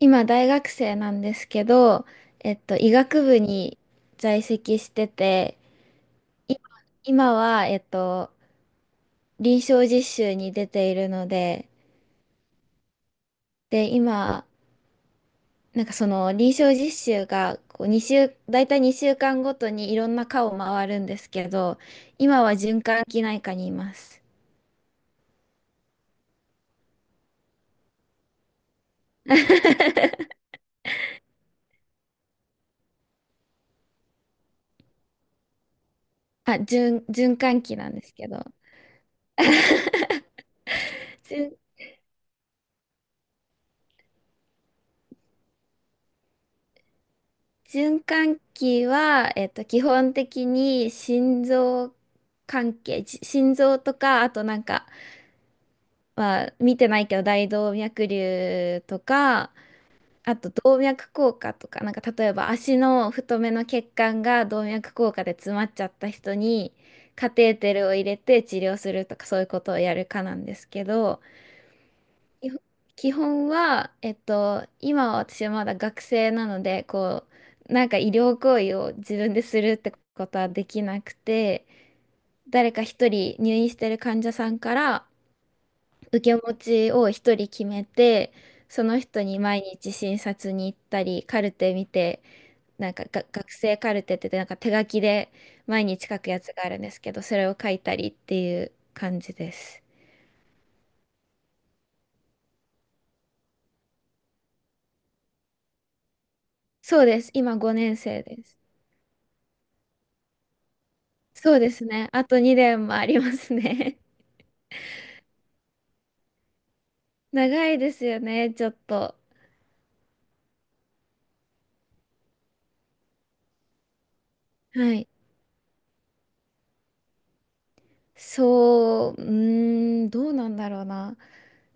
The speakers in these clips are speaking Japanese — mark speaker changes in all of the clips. Speaker 1: 今大学生なんですけど、医学部に在籍してて、今、今は臨床実習に出ているので、で、今、なんかその臨床実習がこう2週、大体2週間ごとにいろんな科を回るんですけど、今は循環器内科にいます。あ、循環器なんですけど。循循環器は、基本的に心臓関係、心臓とか、あとなんか、まあ、見てないけど大動脈瘤とか、あと動脈硬化とか、なんか例えば足の太めの血管が動脈硬化で詰まっちゃった人にカテーテルを入れて治療するとかそういうことをやるかなんですけど、基本基本は、今は私はまだ学生なので、こう、なんか医療行為を自分でするってことはできなくて、誰か一人入院してる患者さんから受け持ちを一人決めて、その人に毎日診察に行ったり、カルテ見て、なんかが学生カルテって言ってなんか手書きで毎日書くやつがあるんですけど、それを書いたりっていう感じです。そうです。今5年生です。そうですね。あと2年もありますね。長いですよね、ちょっと。はい。そう、うーん、どうなんだろうな。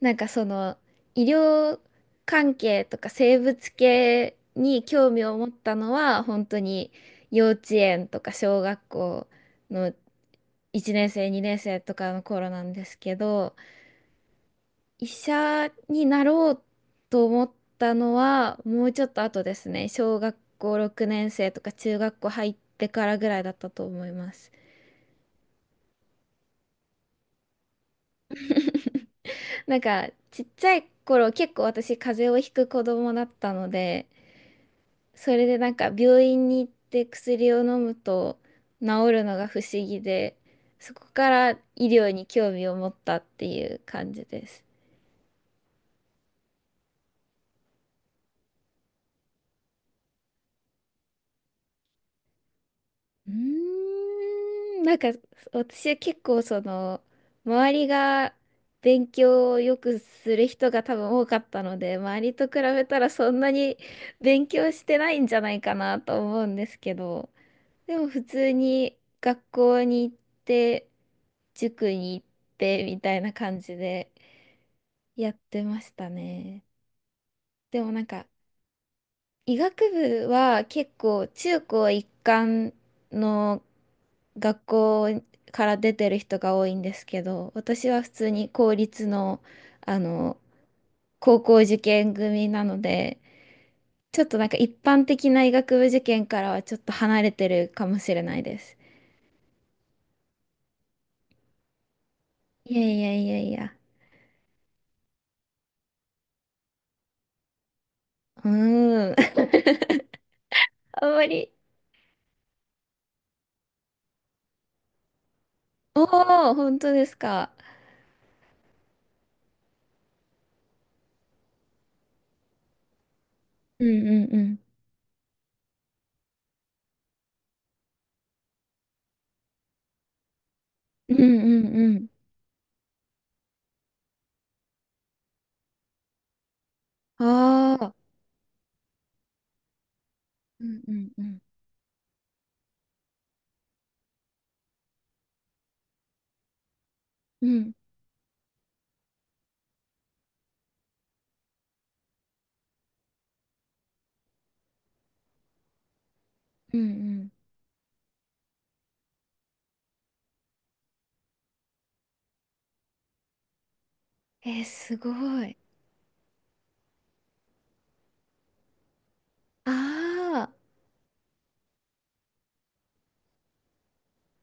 Speaker 1: なんかその、医療関係とか生物系に興味を持ったのは、本当に幼稚園とか小学校の1年生、2年生とかの頃なんですけど、医者になろうと思ったのはもうちょっと後ですね。小学校6年生とか中学校入ってからぐらいだったと思います。なんかちっちゃい頃結構私風邪をひく子供だったので、それでなんか病院に行って薬を飲むと治るのが不思議で、そこから医療に興味を持ったっていう感じです。うーん、なんか私は結構その周りが勉強をよくする人が多分多かったので周りと比べたらそんなに勉強してないんじゃないかなと思うんですけどでも普通に学校に行って塾に行ってみたいな感じでやってましたね。でもなんか医学部は結構中高一貫の学校から出てる人が多いんですけど、私は普通に公立の、あの、高校受験組なので、ちょっとなんか一般的な医学部受験からはちょっと離れてるかもしれないです。いやいやいやいや。うーん。あんまり。おー、本当ですか。うんうんうん。うんうんうん。ああ。うんうんうん。うんうんうん。えー、すごい。ああ、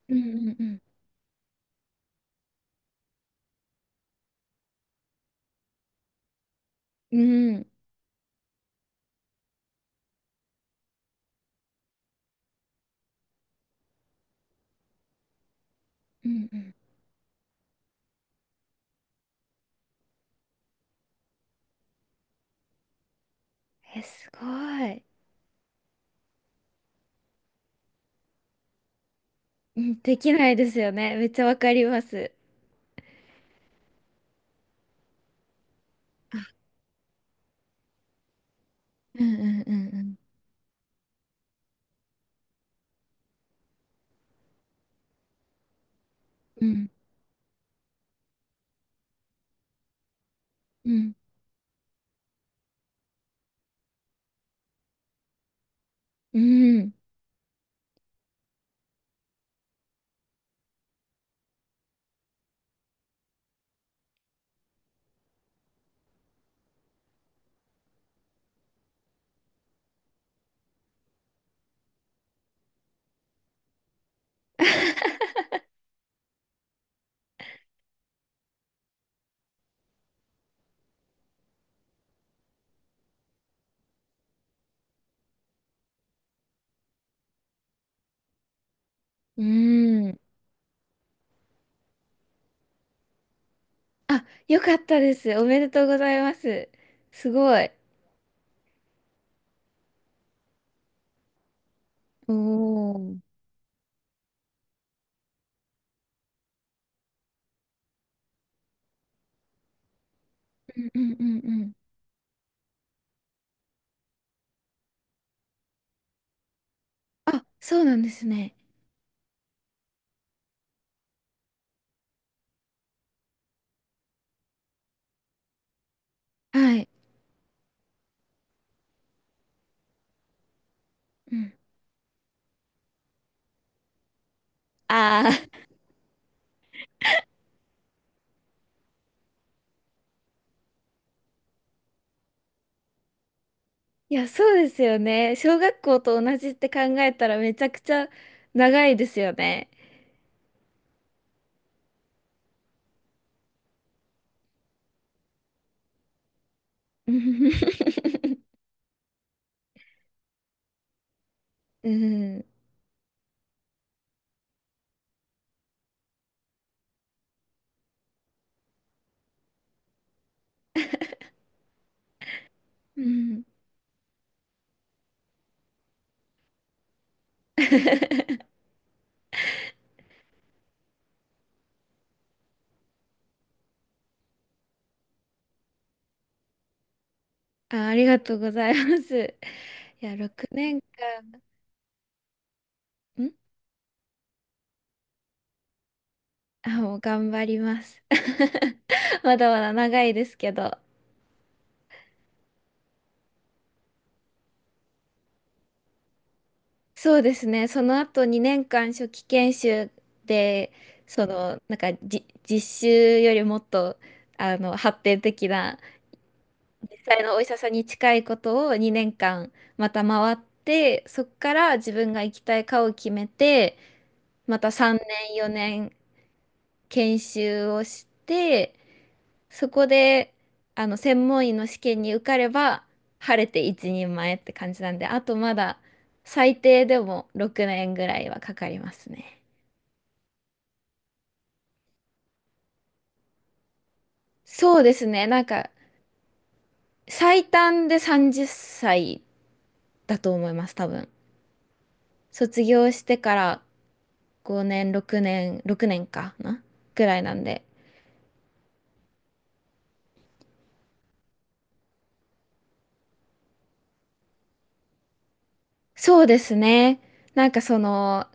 Speaker 1: うんうんうん。うん。うんうん。えー、すごい。うん、できないですよね。めっちゃわかります。うんうんうんうん。うんうん。うん。うん。あ、よかったです。おめでとうございます。すごい。おお。うんうんうんうん。あ、そうなんですね。はい。うん。ああ。いや、そうですよね。小学校と同じって考えたらめちゃくちゃ長いですよね。うん。うん。うん あ、ありがとうございます。いや、6年間、もう頑張ります。まだまだ長いですけど。そうですね。その後2年間初期研修で、その、なんかじ、実習よりもっと、あの、発展的な実際のお医者さんに近いことを2年間また回ってそこから自分が行きたい科を決めてまた3年4年研修をしてそこであの専門医の試験に受かれば晴れて一人前って感じなんであとまだ最低でも6年ぐらいはかかりますね。そうですねなんか最短で30歳だと思います多分。卒業してから5年、6年、6年かなぐらいなんで。そうですね。なんかその、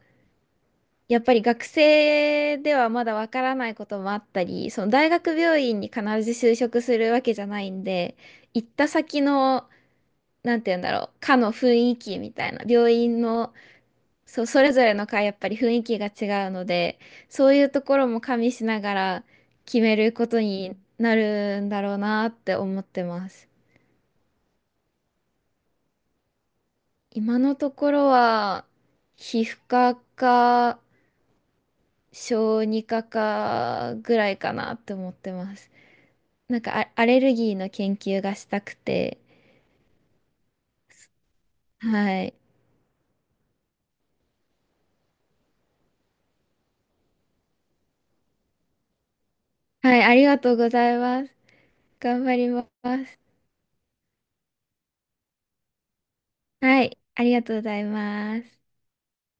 Speaker 1: やっぱり学生ではまだわからないこともあったり、その大学病院に必ず就職するわけじゃないんで、行った先の、なんて言うんだろう、科の雰囲気みたいな、病院の、そう、それぞれの科やっぱり雰囲気が違うので、そういうところも加味しながら決めることになるんだろうなって思ってます。今のところは皮膚科か小児科かぐらいかなって思ってます。なんかあアレルギーの研究がしたくて。はい。はい、ありがとうございます。頑張ります。はい、ありがとうございます。